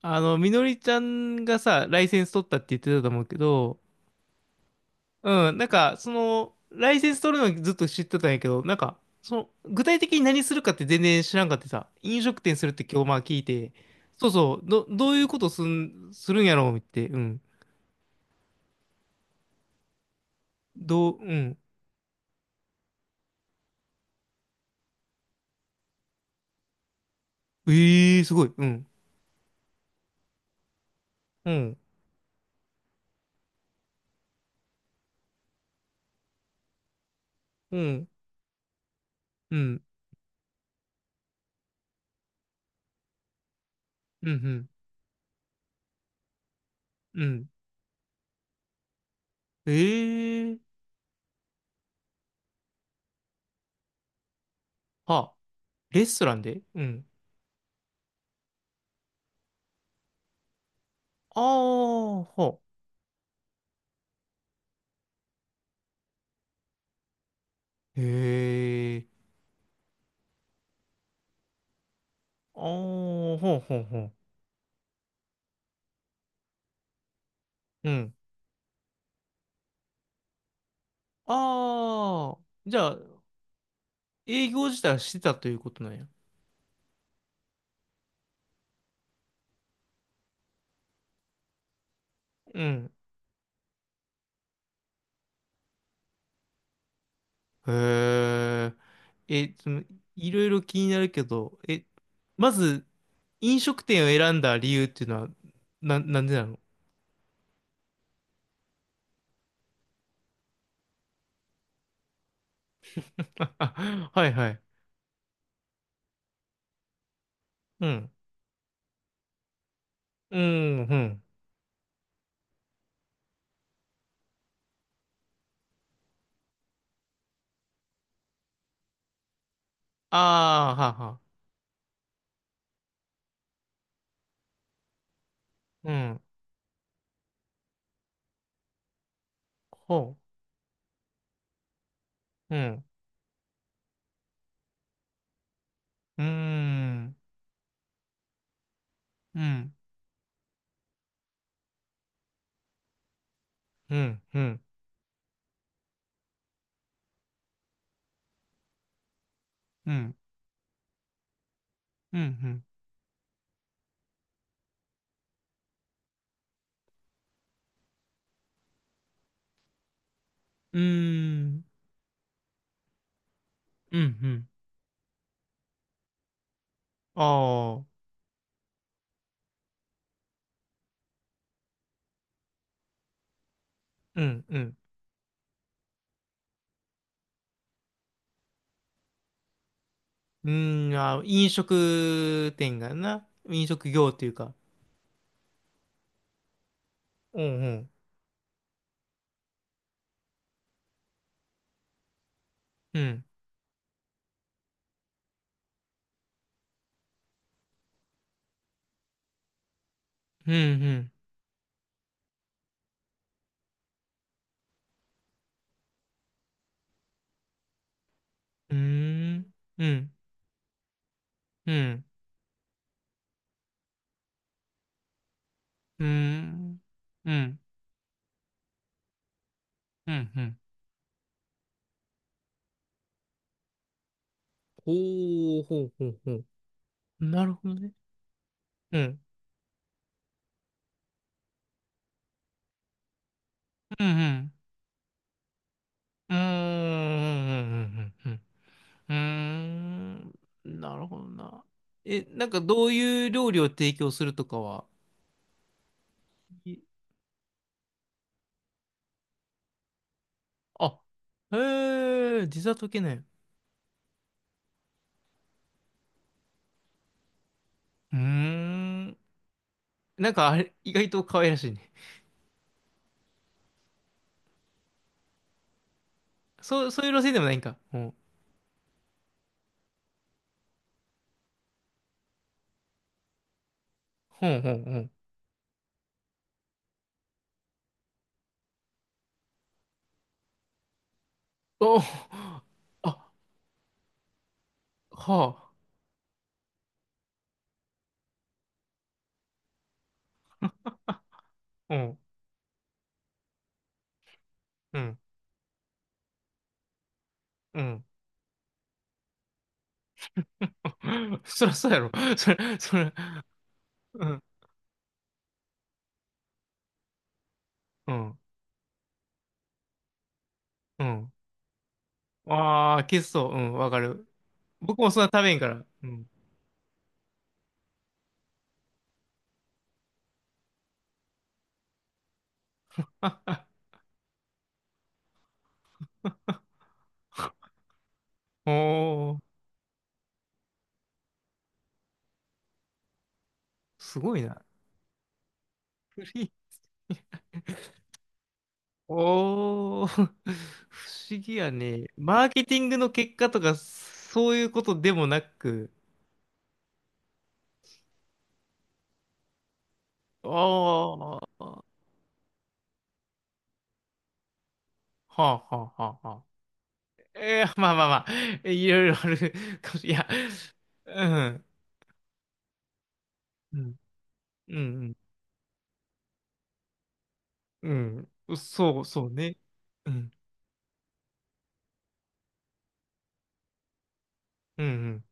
みのりちゃんがさ、ライセンス取ったって言ってたと思うけど、うん、なんか、その、ライセンス取るのずっと知ってたんやけど、なんか、その、具体的に何するかって全然知らんかってさ、飲食店するって今日まあ聞いて、そうそう、どういうことするんやろうって、うん。うん。ええー、すごい、うん。うん、うん、うん、うん、うん。うん、ええー、は、レストランで、うん。ああ、ほう。へえ、ああ、ほうほうほう。うん。ああ、じゃあ、営業自体はしてたということなんや。うん。へえ。え、その、いろいろ気になるけど、え、まず、飲食店を選んだ理由っていうのは、なんでなの？ はいはい。うん。うん、うん。ああ、はは。うん。ほう。うん。うーん。うん。うん。うん。うん。うん。うん。うーん。うん。うん。ああ。うん。うん。うーん、あー、飲食店がな、飲食業っていうか。うんうん。うん。うんうん。うーん。うん。うん。うーん。うん。うん。うん。ほうほうほうほう。なるほどね。うん。うんうん。うーん。うん。うん。うーん、なるほどな。え、なんかどういう料理を提供するとかは、いあ、へえ、実は解けない。うーん。なんかあれ、意外と可愛らしいね。そう、そういう路線でもないんか。うん。ほんほんほん。おあ、はあ。うん。うん。うん。そらそうやろ。そら、そら、うん。うん。うん。ああ、消すそう。うん。わかる。僕もそんな食べんから。うん。ああ、おー。すごいな。フリー。おー。不思議やね。マーケティングの結果とか、そういうことでもなく。ああ。はあはあはあはえー、まあまあまあ、いろいろあるかもしれない。いや、うん、うん、うん、うん、そう、そうね。うん、うん、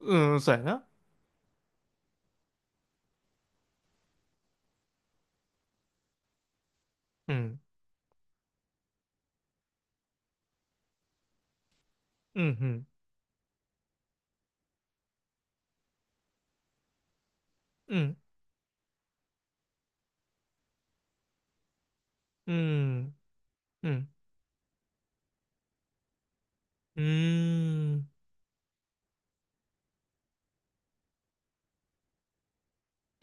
うん、うん、そうやな。うん、うん、うん、うん、うん、うん。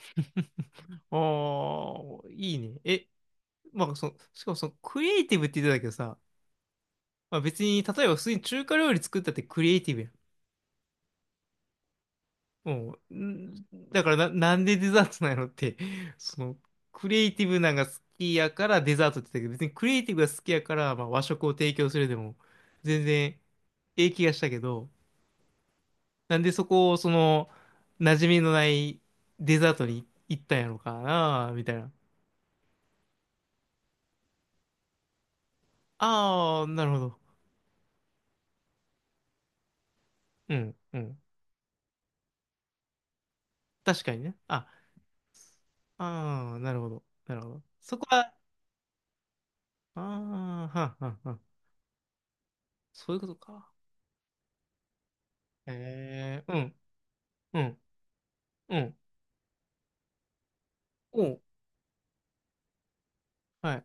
おあ、いいね。え、まあ、しかもその、クリエイティブって言ってたけどさ、まあ、別に、例えば普通に中華料理作ったってクリエイティブやん。もう、ん、だからな、なんでデザートなんやろって、その、クリエイティブなんが好きやからデザートって言ったけど、別にクリエイティブが好きやから、まあ、和食を提供するでも、全然、ええ気がしたけど、なんでそこを、その、馴染みのないデザートに行ったんやろかな、みたいな。ああ、なるほど。うん、うん。確かにね。あ、ああ、なるほど。なるほど。そこは、ああ、はんはんはん。そういうことか。ええ、うん、うん。うん、おう、はい。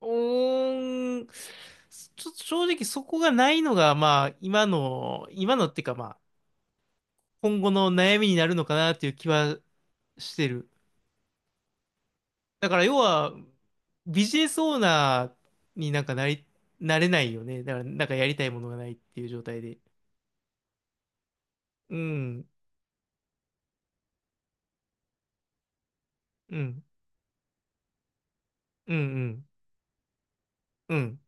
おーん、ちょっと正直そこがないのが、まあ、今の、今のっていうか、まあ、今後の悩みになるのかなっていう気はしてる。だから要は、ビジネスオーナーになんかなれないよね。だから、なんかやりたいものがないっていう状態で。うん、うん、うん、うん、うん。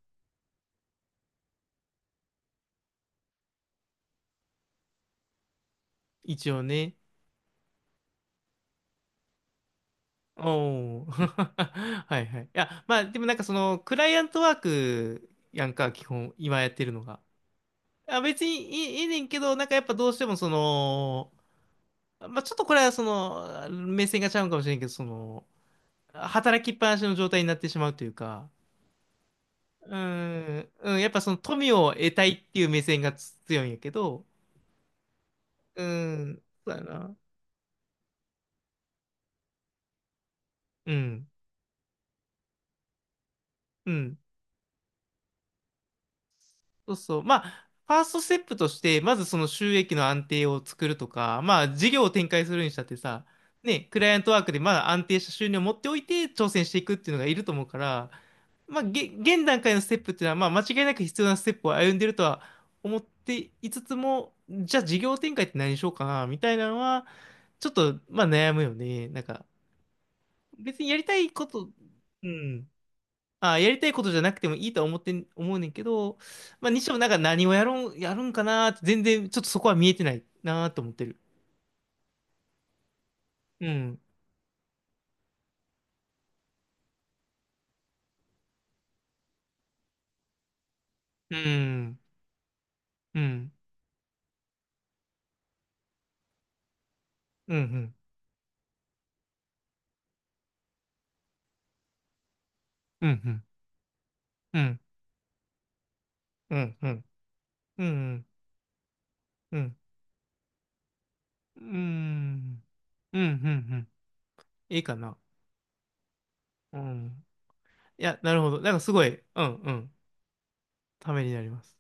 一応ね。おー。はいはい。いや、まあ、でもなんかその、クライアントワークやんか、基本、今やってるのが。あ、別にいいねんけど、なんかやっぱどうしてもその、まあ、ちょっとこれはその、目線がちゃうんかもしれんけど、その、働きっぱなしの状態になってしまうというか、うん、うん、やっぱその富を得たいっていう目線がつ強いんやけど、うん、そうやな。うん、うん、そうそう。まあ、ファーストステップとして、まずその収益の安定を作るとか、まあ、事業を展開するにしたってさ、ね、クライアントワークでまだ安定した収入を持っておいて挑戦していくっていうのがいると思うから、いいかな。うん。いや、なるほど。なんかすごい、うんうん。ためになります。